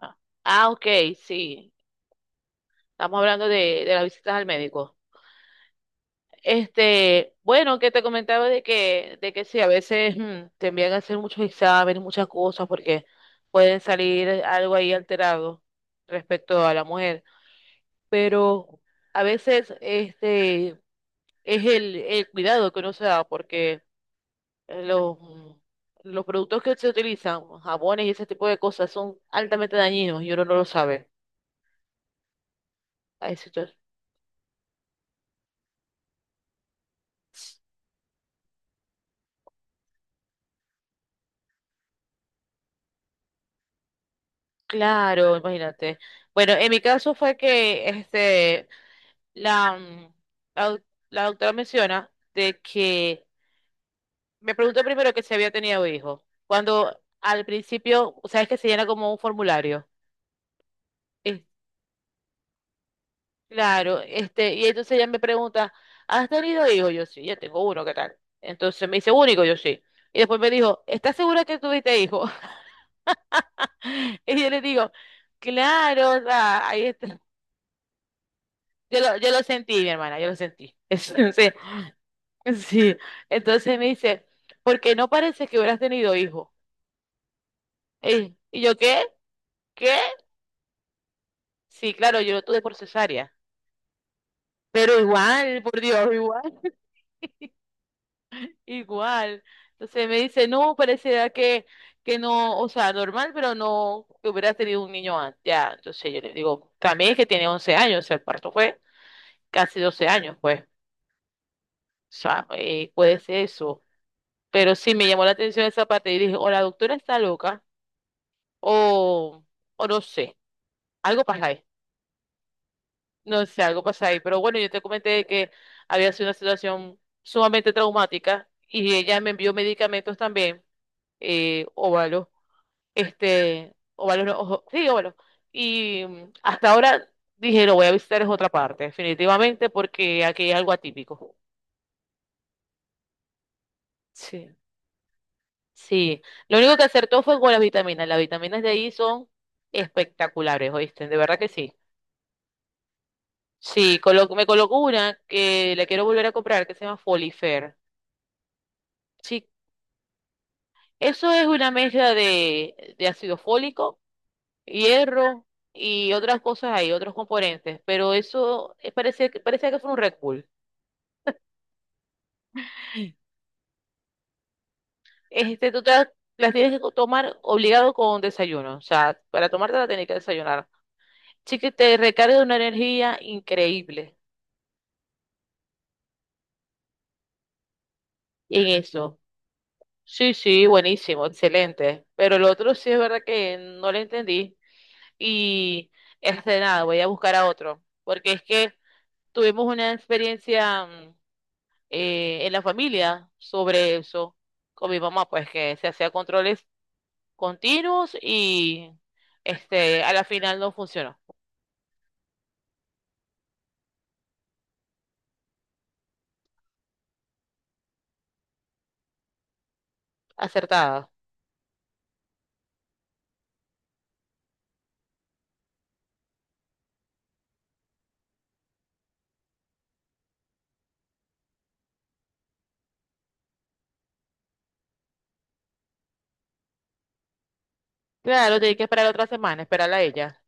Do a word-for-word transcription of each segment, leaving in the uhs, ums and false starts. Ah, ah, ok, sí. Estamos hablando de, de las visitas al médico. Este, bueno, que te comentaba de que, de que sí, a veces mm, te envían a hacer muchos exámenes, muchas cosas, porque pueden salir algo ahí alterado respecto a la mujer. Pero a veces este es el, el cuidado que uno se da, porque los, mm, los productos que se utilizan, jabones y ese tipo de cosas, son altamente dañinos y uno no lo sabe. Ay, sí, claro, imagínate. Bueno, en mi caso fue que este, la, mm, la, doc- la doctora menciona de que me preguntó primero que si había tenido hijos. Cuando al principio, sabes que se llena como un formulario. Es- claro, este, y entonces ella me pregunta, ¿has tenido hijos? Yo sí, ya tengo uno, ¿qué tal? Entonces me dice, único, yo sí. Y después me dijo, ¿estás segura que tuviste hijos? Y yo le digo, claro, o sea, ahí está. Yo lo, yo lo sentí, mi hermana, yo lo sentí. Es- sí, sí. Entonces me dice, ¿por qué no parece que hubieras tenido hijo? Ey, y, yo, ¿qué? ¿Qué? Sí, claro, yo lo tuve por cesárea. Pero igual, por Dios, igual, igual. Entonces me dice, no, parecerá que, que no, o sea, normal, pero no, que hubieras tenido un niño antes. Ya, entonces yo le digo, también es que tiene once años, o sea, el parto fue casi doce años, pues. O sea, eh, puede ser eso. Pero sí me llamó la atención esa parte y dije, o la doctora está loca, o, o no sé, algo pasa ahí. No sé, algo pasa ahí. Pero bueno, yo te comenté que había sido una situación sumamente traumática y ella me envió medicamentos también, eh, óvalos, este, óvalos, no, ojo, sí, óvalos. Y mm, hasta ahora dije, lo voy a visitar en otra parte, definitivamente, porque aquí hay algo atípico. Sí. Sí, lo único que acertó fue con las vitaminas. Las vitaminas de ahí son espectaculares, ¿oíste? De verdad que sí. Sí, colo- me colocó una que la quiero volver a comprar, que se llama Folifer. Sí, eso es una mezcla de, de ácido fólico, hierro y otras cosas ahí, otros componentes, pero eso eh, parece, que- parece que fue un Red Bull. Este, tú te las las tienes que co- tomar obligado con desayuno, o sea, para tomártela tenés que desayunar. Sí que te recarga de una energía increíble. En eso. Sí, sí, buenísimo, excelente. Pero el otro sí es verdad que no lo entendí. Y este nada, voy a buscar a otro. Porque es que tuvimos una experiencia mm, eh, en la familia sobre eso con mi mamá, pues que se hacía controles continuos y este a la final no funcionó. Acertada. Claro, tenía que esperar otra semana, esperarla a ella.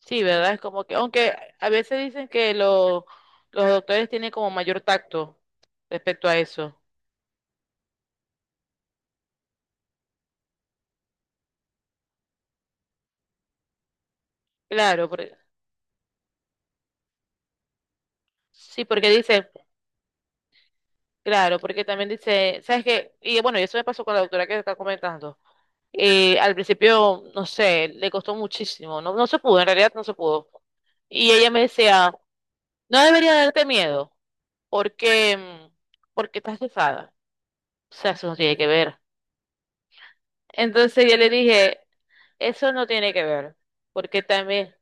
Sí, ¿verdad? Es como que, aunque a veces dicen que lo- los doctores tienen como mayor tacto respecto a eso. Claro, porque, sí, porque dice, claro, porque también dice, ¿sabes qué? Y bueno, y eso me pasó con la doctora que está comentando. Eh, al principio, no sé, le costó muchísimo, no, no se pudo, en realidad no se pudo. Y ella me decía, no debería darte miedo, porque, mm, porque estás cesada. O sea, eso no tiene que ver. Entonces yo le dije, eso no tiene que ver, porque también,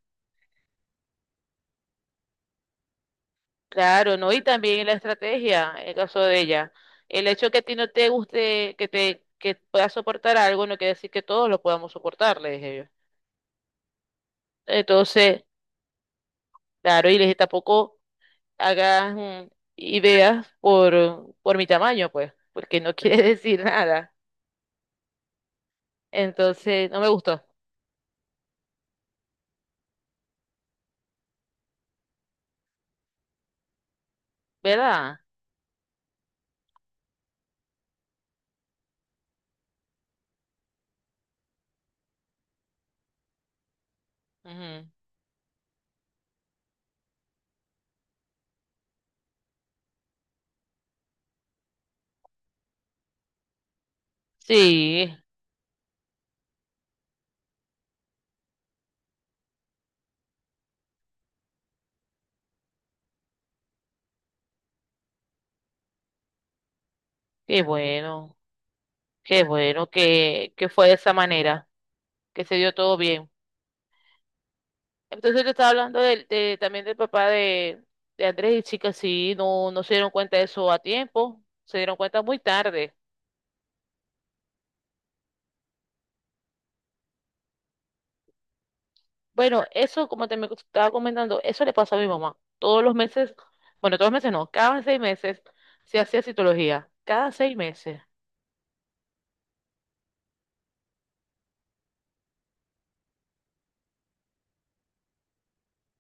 claro, ¿no? Y también la estrategia, el caso de ella, el hecho que a ti no te guste, que te que puedas soportar algo, no quiere decir que todos lo podamos soportar, le dije yo. Entonces, claro, y les dije, tampoco hagas mm, ideas por, por mi tamaño, pues, porque no quiere decir nada. Entonces, no me gustó, ¿verdad? Ujú. Sí, qué bueno, qué bueno que, que fue de esa manera, que se dio todo bien. Entonces yo estaba hablando del- de, también del papá de, de Andrés y chicas, sí, no, no se dieron cuenta de eso a tiempo, se dieron cuenta muy tarde. Bueno, eso, como te me estaba comentando, eso le pasa a mi mamá. Todos los meses, bueno, todos los meses no, cada seis meses se hacía citología, cada seis meses.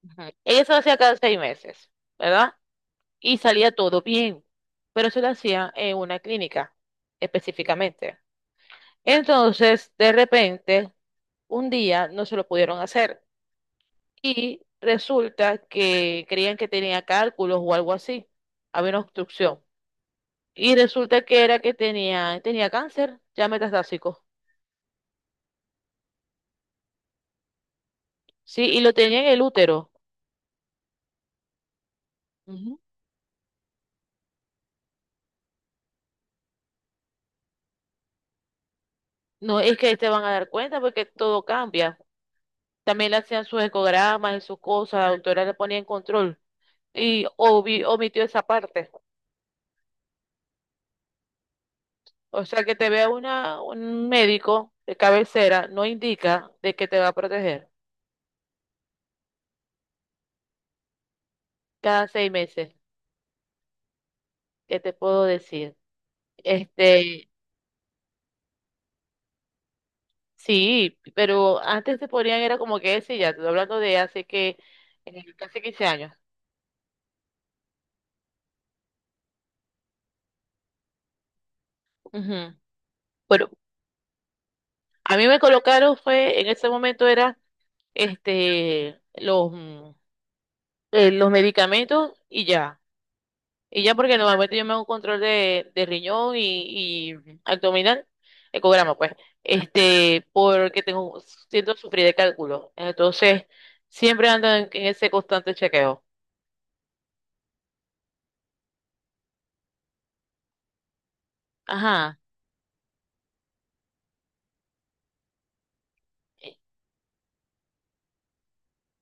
Ujú. Ella se lo hacía cada seis meses, ¿verdad? Y salía todo bien, pero se lo hacía en una clínica específicamente. Entonces, de repente, un día no se lo pudieron hacer y resulta que creían que tenía cálculos o algo así, había una obstrucción y resulta que era que tenía, tenía cáncer ya metastásico, sí, y lo tenía en el útero. Ujú. No es que ahí te van a dar cuenta porque todo cambia. También le hacían sus ecogramas y sus cosas, la doctora le ponía en control y obvi- omitió esa parte. O sea, que te vea una, un médico de cabecera no indica de que te va a proteger cada seis meses. ¿Qué te puedo decir? Este, sí, pero antes se ponían, era como que ese ya, te estoy hablando de hace que, eh, casi quince años. Ujú. Bueno, a mí me colocaron fue, en ese momento era, este, los, mm, eh, los medicamentos y ya. Y ya porque normalmente yo me hago un control de, de riñón y, y abdominal, ecograma pues, este, porque tengo, siento sufrir de cálculo. Entonces, siempre ando en en ese constante chequeo. Ajá. Eh,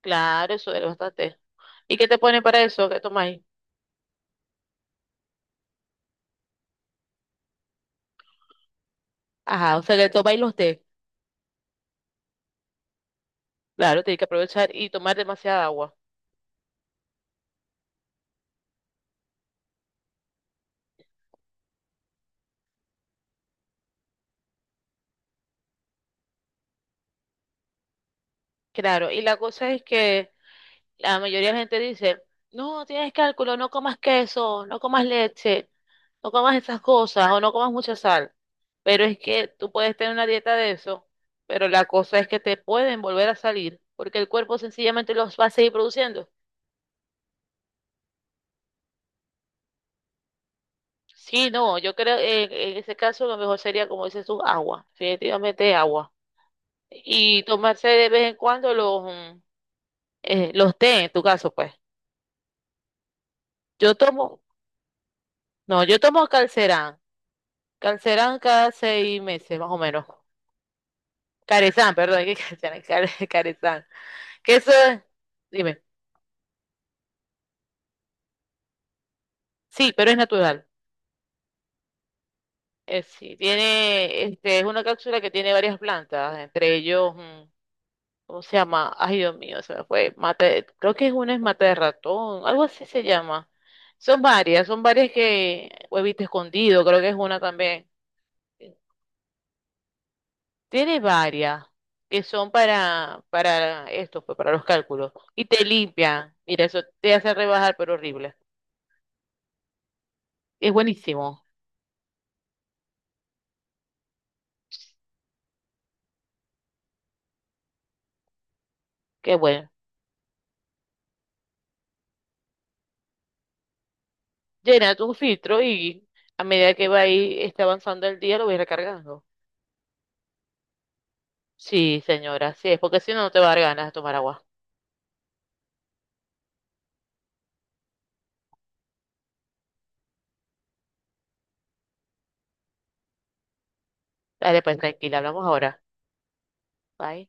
claro, eso es bastante. ¿Y qué te ponen para eso? ¿Qué tomáis? Ajá, o sea, que tomáis los té. Claro, tenéis que aprovechar y tomar demasiada agua. Claro, y la cosa es que la mayoría de la gente dice, no, tienes cálculo, no comas queso, no comas leche, no comas esas cosas o no comas mucha sal. Pero es que tú puedes tener una dieta de eso, pero la cosa es que te pueden volver a salir porque el cuerpo sencillamente los va a seguir produciendo. Sí, no, yo creo que en, en ese caso lo mejor sería, como dices tú, agua, definitivamente agua. Y tomarse de vez en cuando los, mm, eh, los té, en tu caso, pues. Yo tomo, no, yo tomo Calcerán, Calcerán cada seis meses, más o menos. Carezán, perdón, que Calcerán, Care- Carezán. Que eso es, dime, sí, pero es natural. Eh, sí, tiene, este, es una cápsula que tiene varias plantas, entre ellos, mm, o se llama, ay Dios mío, se me fue, mate, creo que es una es mate de ratón, algo así se llama. Son varias, son varias que, huevito escondido, creo que es una también. Tiene varias que son para, para esto, pues para los cálculos. Y te limpian, mira, eso te hace rebajar, pero horrible. Es buenísimo, qué bueno. Llena tu filtro y a medida que va ahí, está avanzando el día, lo voy recargando. Sí, señora, sí es, porque si no, no te va a dar ganas de tomar agua. Dale, pues tranquila, hablamos ahora. Bye.